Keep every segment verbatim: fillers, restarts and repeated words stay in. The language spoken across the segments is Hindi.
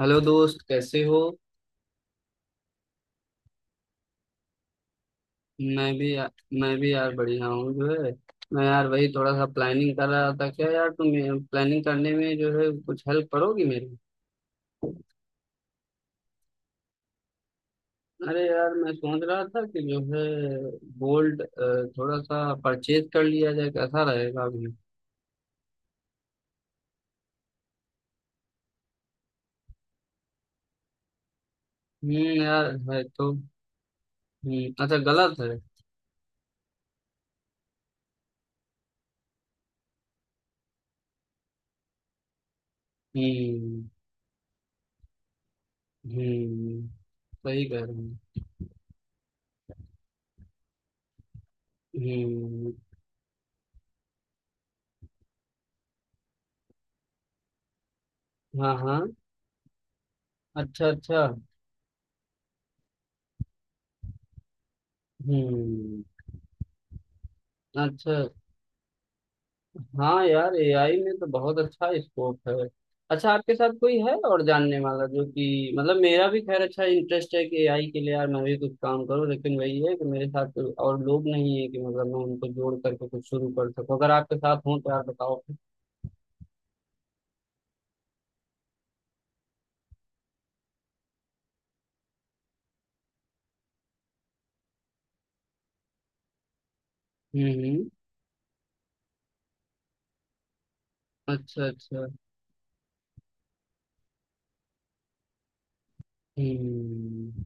हेलो दोस्त, कैसे हो? मैं भी या, मैं भी यार बढ़िया हूँ जो है। मैं यार वही थोड़ा सा प्लानिंग कर रहा था। क्या यार, तुम प्लानिंग करने में जो है कुछ हेल्प करोगी मेरी? अरे यार, मैं सोच रहा था कि जो है गोल्ड थोड़ा सा परचेज कर लिया जाए। कैसा रहेगा अभी? हम्म, यार है तो। हम्म, अच्छा गलत है? हम्म हम्म, सही कह रहे हैं। हम्म। हाँ हाँ, अच्छा अच्छा। हम्म, अच्छा। हाँ यार, ए आई में तो बहुत अच्छा स्कोप है। अच्छा, आपके साथ कोई है और जानने वाला? जो कि मतलब मेरा भी, खैर, अच्छा इंटरेस्ट है कि ए आई के लिए। यार मैं भी कुछ काम करूँ, लेकिन वही है कि मेरे साथ कोई और लोग नहीं है कि मतलब मैं उनको जोड़ करके कुछ शुरू कर सकूँ। अगर आपके साथ हो तो यार बताओ। हम्म हम्म, अच्छा अच्छा। हम्म।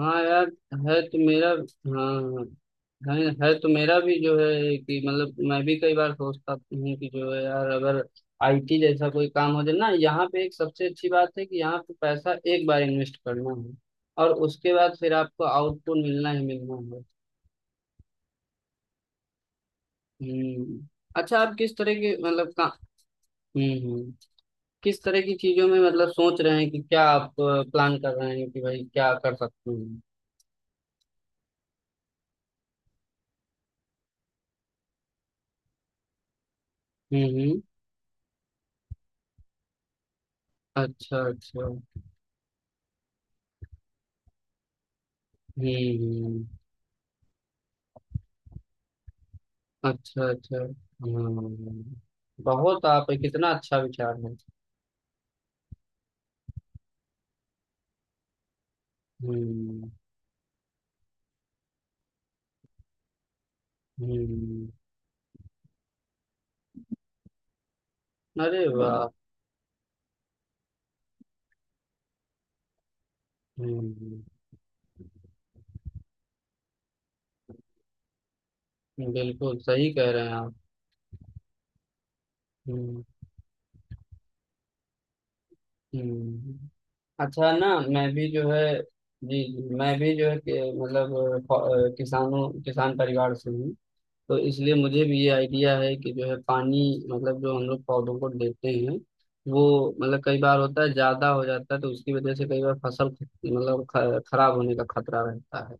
हाँ यार, है तो मेरा। हाँ हाँ। है है तो मेरा भी जो है कि मतलब मैं भी कई बार सोचता हूँ कि जो है यार, अगर आई टी जैसा कोई काम हो जाए ना, यहाँ पे एक सबसे अच्छी बात है कि यहाँ पे पैसा एक बार इन्वेस्ट करना है और उसके बाद फिर आपको आउटपुट मिलना ही मिलना है। हम्म, अच्छा, आप किस तरह के मतलब का। हम्म हम्म, किस तरह की चीजों में मतलब सोच रहे हैं कि क्या आप प्लान कर रहे हैं कि भाई क्या कर सकते हैं? हम्म हम्म, अच्छा अच्छा। हम्म हम्म, अच्छा अच्छा। हम्म, बहुत, आप कितना अच्छा विचार है। हम्म हम्म, अरे वाह। हम्म, बिल्कुल सही कह रहे हैं आप। हम्म हम्म, अच्छा ना। मैं भी जो है, जी जी, मैं भी जो है कि, मतलब अ, किसानों किसान परिवार से हूँ। तो इसलिए मुझे भी ये आइडिया है कि जो है पानी, मतलब जो हम लोग पौधों को देते हैं वो, मतलब कई बार होता है ज्यादा हो जाता है, तो उसकी वजह से कई बार फसल ख- मतलब ख- खराब होने का खतरा रहता है।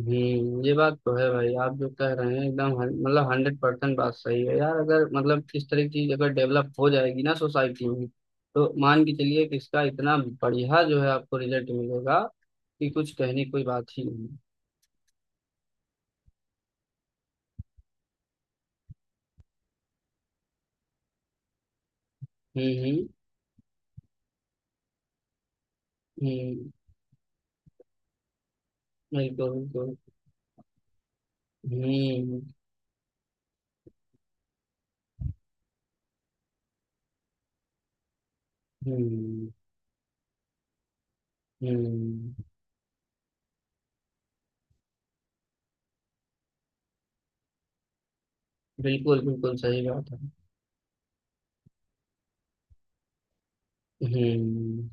हम्म, ये बात तो है भाई। आप जो कह रहे हैं एकदम हन- मतलब हंड्रेड परसेंट बात सही है यार। अगर मतलब इस तरह की चीज अगर डेवलप हो जाएगी ना सोसाइटी में, तो मान के चलिए कि इसका इतना बढ़िया जो है आपको रिजल्ट मिलेगा कि कुछ कहने की कोई बात ही नहीं। हम्म हम्म, हम्म, बिल्कुल बिल्कुल। हम्म हम्म, हम्म, बिल्कुल बिल्कुल सही बात है। हम्म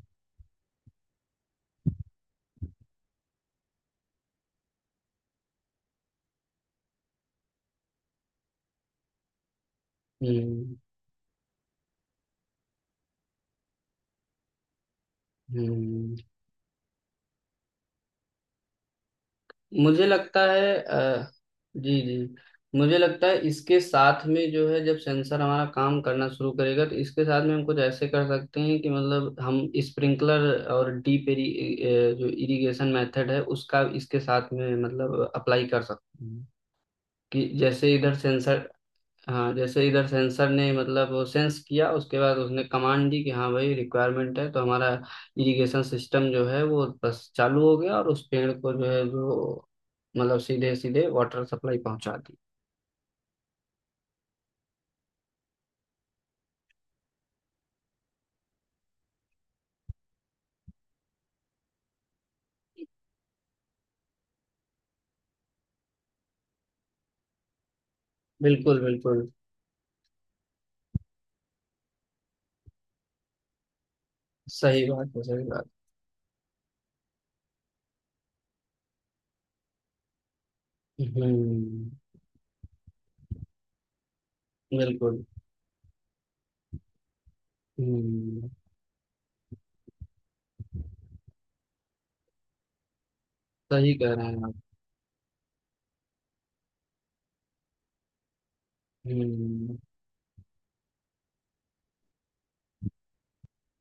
हम्म, हम्म, मुझे लगता है, अ, जी जी, मुझे लगता है इसके साथ में जो है जब सेंसर हमारा काम करना शुरू करेगा तो इसके साथ में हम कुछ ऐसे कर सकते हैं कि मतलब हम स्प्रिंकलर और डीप एरी, अ, जो इरिगेशन मेथड है उसका इसके साथ में मतलब अप्लाई कर सकते हैं। कि जैसे इधर सेंसर, हाँ, जैसे इधर सेंसर ने मतलब वो सेंस किया, उसके बाद उसने कमांड दी कि हाँ भाई, रिक्वायरमेंट है तो हमारा इरिगेशन सिस्टम जो है वो बस चालू हो गया और उस पेड़ को जो है जो मतलब सीधे सीधे वाटर सप्लाई पहुंचा दी। बिल्कुल बिल्कुल सही बात है, सही बात। हम्म, बिल्कुल। हम्म, सही कह रहे हैं आप। हम्म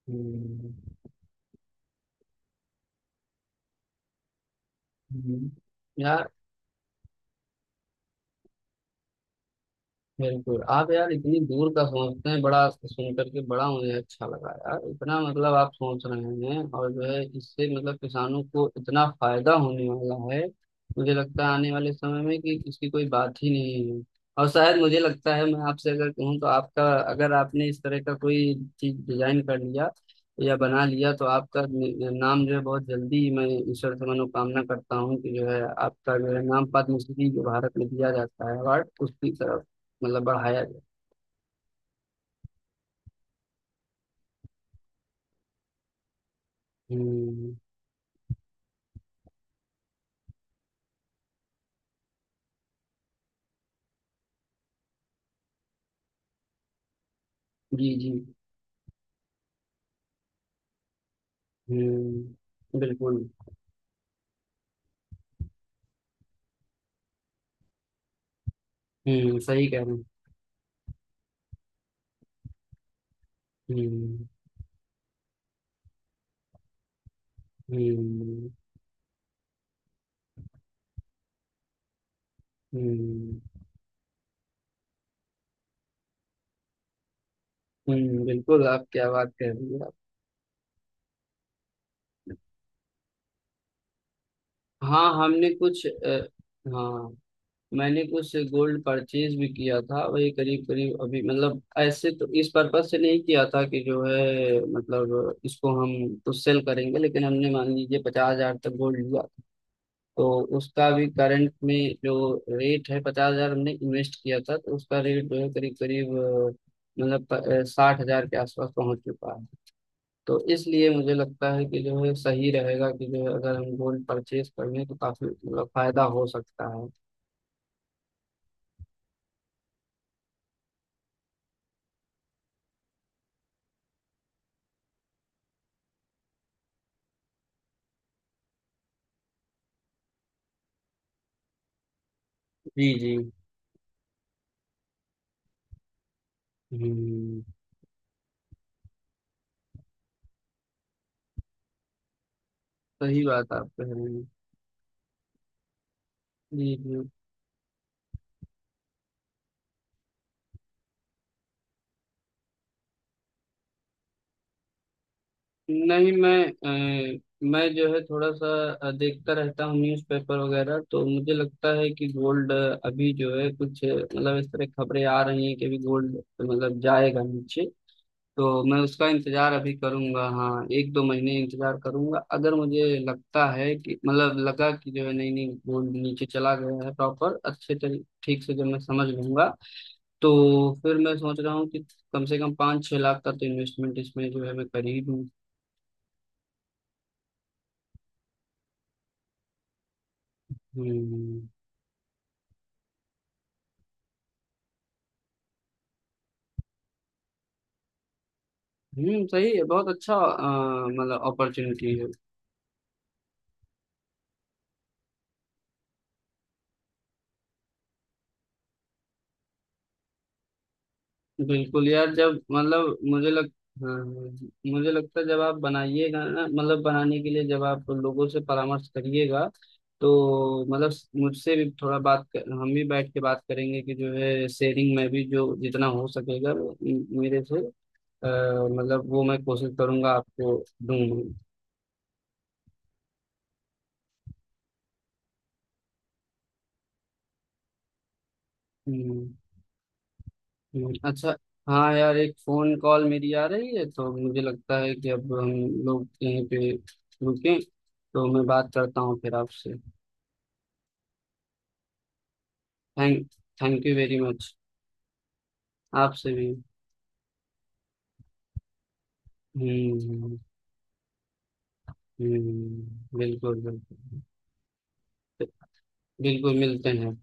हम्म, हम्म। यार बिल्कुल, आप यार इतनी दूर का सोचते हैं, बड़ा सुन करके बड़ा मुझे अच्छा लगा यार। इतना मतलब आप सोच रहे हैं और जो है इससे मतलब किसानों को इतना फायदा होने वाला है। मुझे लगता है आने वाले समय में कि इसकी कोई बात ही नहीं है। और शायद मुझे लगता है, मैं आपसे अगर कहूँ तो आपका, अगर आपने इस तरह का कोई चीज डिजाइन कर लिया या बना लिया तो आपका नि- नाम जो है बहुत जल्दी, मैं ईश्वर से मनोकामना करता हूँ कि जो है आपका जो है नाम पद्मश्री, जो भारत में दिया जाता है अवार्ड, उसकी तरफ मतलब बढ़ाया जाए। हम्म, जी जी। हम्म, बिल्कुल। हम्म, सही कह रहे हैं। हम्म हम्म, हम्म। हम्म, बिल्कुल, आप क्या बात कह रही हैं आप। हाँ, हमने कुछ, अ, हाँ, मैंने कुछ गोल्ड परचेज भी किया था वही। करीब करीब अभी, मतलब ऐसे तो इस पर्पज से नहीं किया था कि जो है मतलब इसको हम तो सेल करेंगे, लेकिन हमने मान लीजिए पचास हजार तक गोल्ड लिया। तो उसका भी करंट में जो रेट है, पचास हजार हमने इन्वेस्ट किया था तो उसका रेट जो है करीब करीब, अ, मतलब प- अ, साठ हजार के आसपास पहुंच चुका है। तो इसलिए मुझे लगता है कि जो है सही रहेगा, कि जो है अगर हम गोल्ड परचेज कर लें तो काफी मतलब फायदा हो सकता है। जी जी। हम्म, सही बात आप कह रहे हैं। जी जी। नहीं, मैं अ, मैं जो है थोड़ा सा अ, देखता रहता हूँ न्यूज़पेपर वगैरह। तो मुझे लगता है कि गोल्ड अभी जो है कुछ, अ, मतलब इस तरह खबरें आ रही हैं कि अभी गोल्ड मतलब जाएगा नीचे। तो मैं उसका इंतजार अभी करूंगा। हाँ, एक दो महीने इंतजार करूंगा। अगर मुझे लगता है कि मतलब लगा कि जो है नहीं नहीं, गोल्ड नीचे चला गया है प्रॉपर, अच्छे तरी ठीक से जब मैं समझ लूंगा, तो फिर मैं सोच रहा हूँ कि कम से कम पाँच छह लाख का तो इन्वेस्टमेंट इसमें जो है मैं कर ही दूँ। हम्म हम्म, सही है, बहुत अच्छा, अ, मतलब अपॉर्चुनिटी है। बिल्कुल यार, जब मतलब मुझे लग, हाँ, मुझे लगता है जब आप बनाइएगा ना, मतलब बनाने के लिए जब आप लोगों से परामर्श करिएगा, तो मतलब मुझसे भी थोड़ा बात कर, हम भी बैठ के बात करेंगे कि जो है शेयरिंग में भी जो जितना हो सकेगा, वो मेरे से, अ, मतलब वो मैं कोशिश करूंगा आपको दूंगा। हम्म, अच्छा। हाँ यार, एक फोन कॉल मेरी आ रही है, तो मुझे लगता है कि अब हम लोग यहीं पे रुकें। तो मैं बात करता हूँ फिर आपसे। Thank thank you very much. आपसे भी। हम्म हम्म, हम्म, बिल्कुल बिल्कुल। बिल्कुल मिलते हैं।